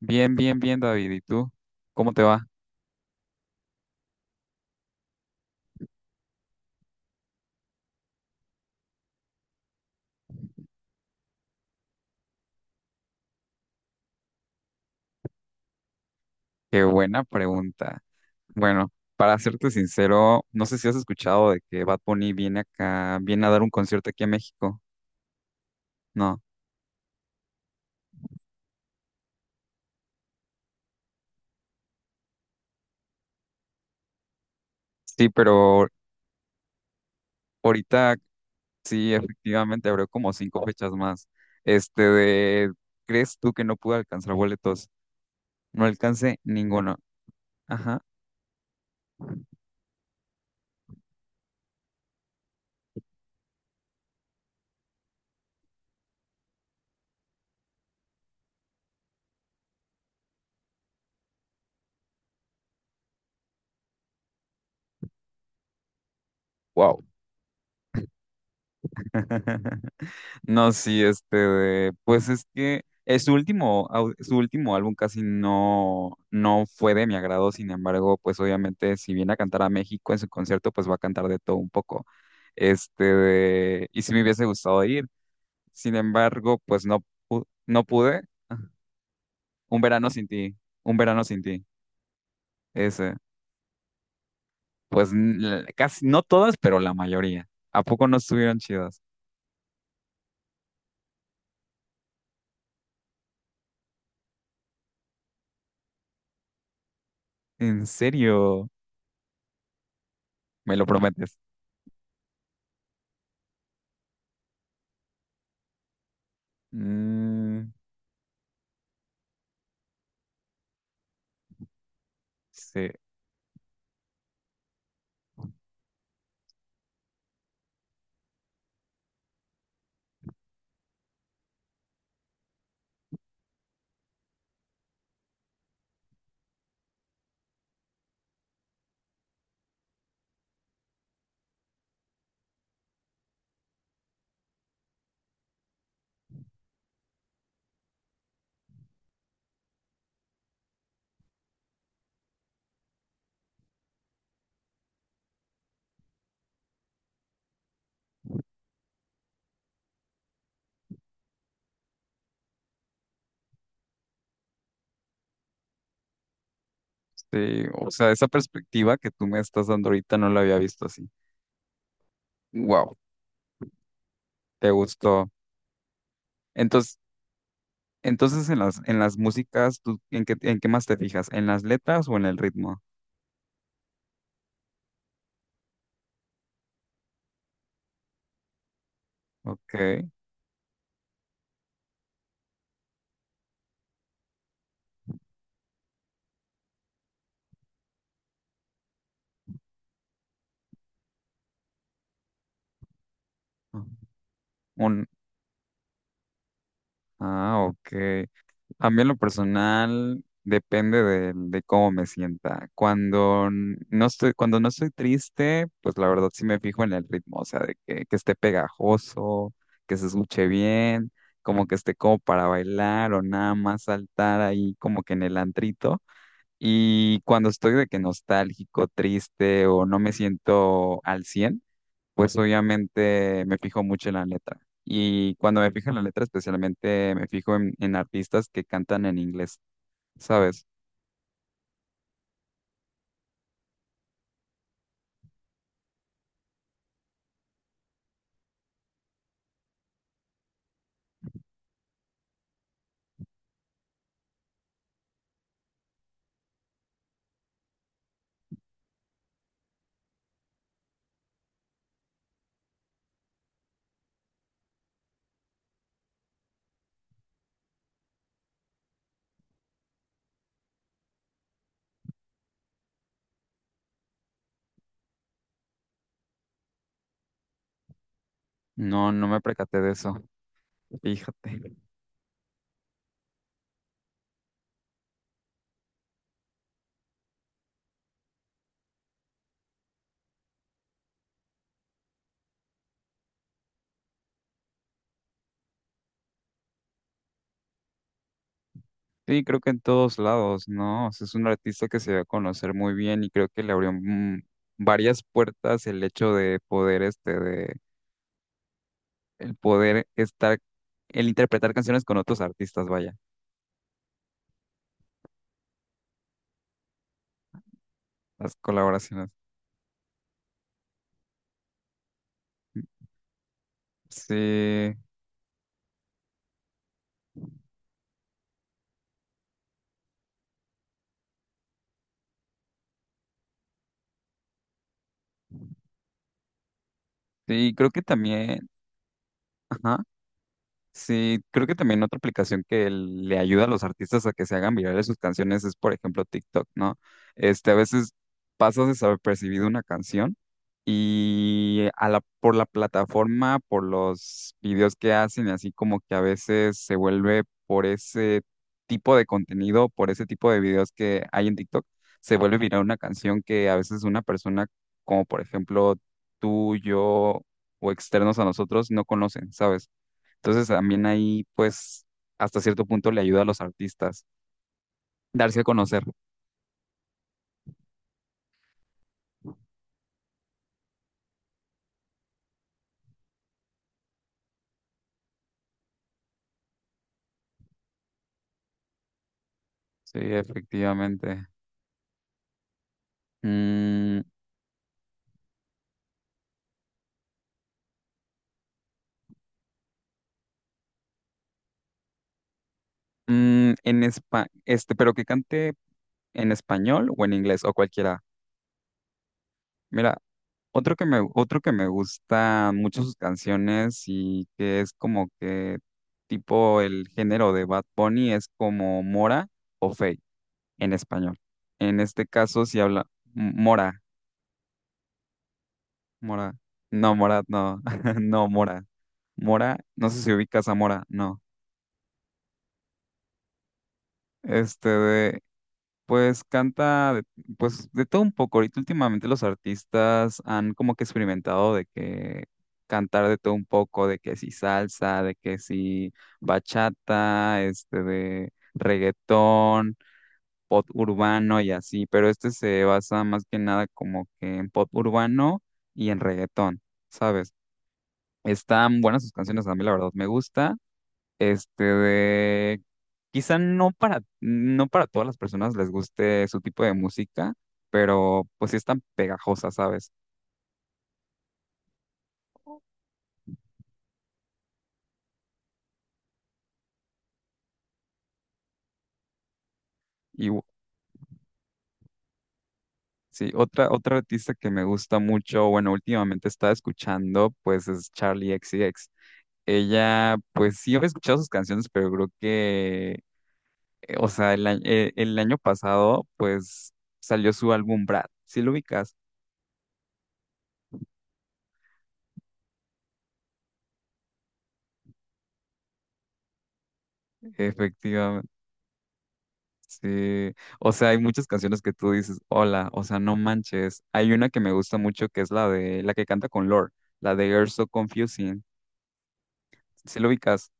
Bien, bien, bien, David. ¿Y tú? ¿Cómo te va? Qué buena pregunta. Bueno, para serte sincero, no sé si has escuchado de que Bad Bunny viene acá, viene a dar un concierto aquí a México. No. Sí, pero ahorita sí, efectivamente, abrió como 5 fechas más. Este de, ¿Crees tú que no pude alcanzar boletos? No alcancé ninguno. Ajá. Wow. No, sí, este, de- pues es que su último, au- su último álbum casi no, no fue de mi agrado. Sin embargo, pues obviamente si viene a cantar a México en su concierto, pues va a cantar de todo un poco. Y sí me hubiese gustado ir, sin embargo, pues no pude. Un verano sin ti, un verano sin ti. Ese, pues casi, no todas, pero la mayoría. ¿A poco no estuvieron chidas? ¿En serio? ¿Me lo prometes? Mm, sí, sí. O sea, esa perspectiva que tú me estás dando ahorita no la había visto así. Wow, te gustó. Entonces, entonces en las músicas, ¿tú en qué más te fijas? ¿En las letras o en el ritmo? Ok. Un, ok. A mí en lo personal depende de cómo me sienta. Cuando no estoy triste, pues la verdad sí me fijo en el ritmo, o sea, que esté pegajoso, que se escuche bien, como que esté como para bailar o nada más saltar ahí como que en el antrito. Y cuando estoy de que nostálgico, triste o no me siento al cien, pues obviamente me fijo mucho en la letra. Y cuando me fijo en la letra, especialmente me fijo en artistas que cantan en inglés, ¿sabes? No, no me percaté de eso. Fíjate. Sí, creo que en todos lados, ¿no? O sea, es un artista que se va a conocer muy bien y creo que le abrió varias puertas el hecho de poder, este, de el poder estar, el interpretar canciones con otros artistas, vaya, las colaboraciones. Sí, sí, creo que también. Ajá. Sí, creo que también otra aplicación que le ayuda a los artistas a que se hagan virales sus canciones es, por ejemplo, TikTok, ¿no? Este, a veces pasas desapercibido una canción y por la plataforma, por los videos que hacen, y así como que a veces se vuelve por ese tipo de contenido, por ese tipo de videos que hay en TikTok, se vuelve viral una canción que a veces una persona, como por ejemplo tú, yo o externos a nosotros, no conocen, ¿sabes? Entonces también ahí, pues, hasta cierto punto le ayuda a los artistas darse a conocer. Sí, efectivamente. Mm, pero que cante en español o en inglés o cualquiera. Mira, otro que me gusta mucho sus canciones y que es como que tipo el género de Bad Bunny, es como Mora o Fey en español. En este caso, si habla Mora. Mora. No, Morat, no. No, Mora. Mora, no sé si ubicas a Mora, no. Este de, pues canta, pues de todo un poco. Ahorita últimamente los artistas han como que experimentado de que cantar de todo un poco, de que si salsa, de que si bachata, este de reggaetón, pop urbano y así, pero este se basa más que nada como que en pop urbano y en reggaetón, ¿sabes? Están buenas sus canciones, a mí la verdad me gusta. Este de, quizá no para todas las personas les guste su tipo de música, pero pues sí están pegajosas, ¿sabes? Y u- sí, otra artista que me gusta mucho, bueno, últimamente estaba escuchando pues es Charlie XCX. Ella pues sí he escuchado sus canciones, pero creo que o sea, el año pasado pues salió su álbum Brad. ¿Sí lo ubicas? Efectivamente. Sí, o sea, hay muchas canciones que tú dices, hola, o sea, no manches. Hay una que me gusta mucho que es la que canta con Lorde, la de You're So Confusing. ¿Sí lo ubicas?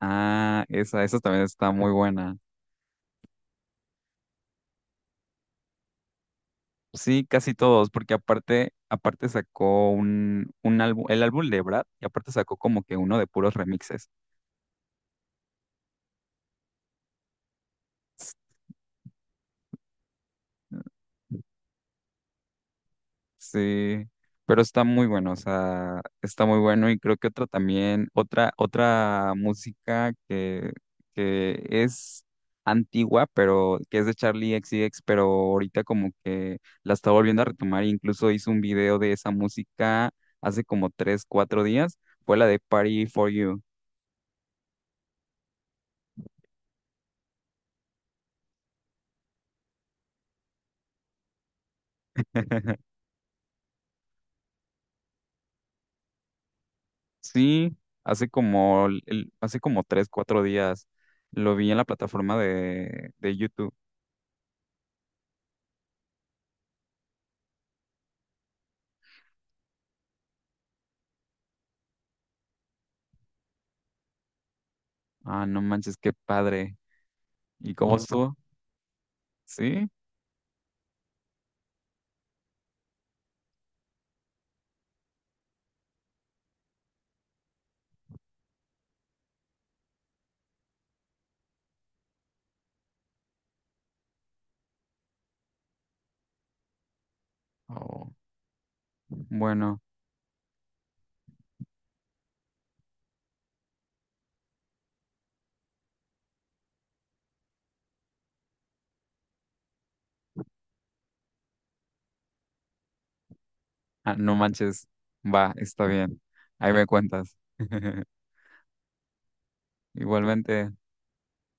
Ah, esa también está muy buena. Sí, casi todos, porque aparte sacó un álbum, el álbum de Brad, y aparte sacó como que uno de puros remixes. Sí, pero está muy bueno, o sea, está muy bueno y creo que otra música que es antigua, pero que es de Charlie XCX, pero ahorita como que la está volviendo a retomar, e incluso hizo un video de esa música hace como tres, cuatro días, fue la de Party for You. Sí, hace como tres, cuatro días lo vi en la plataforma de YouTube. Ah, no manches, qué padre. ¿Y cómo Mm. estuvo? ¿Sí? Oh, bueno, ah, no manches. Va, está bien. Ahí me cuentas. Igualmente.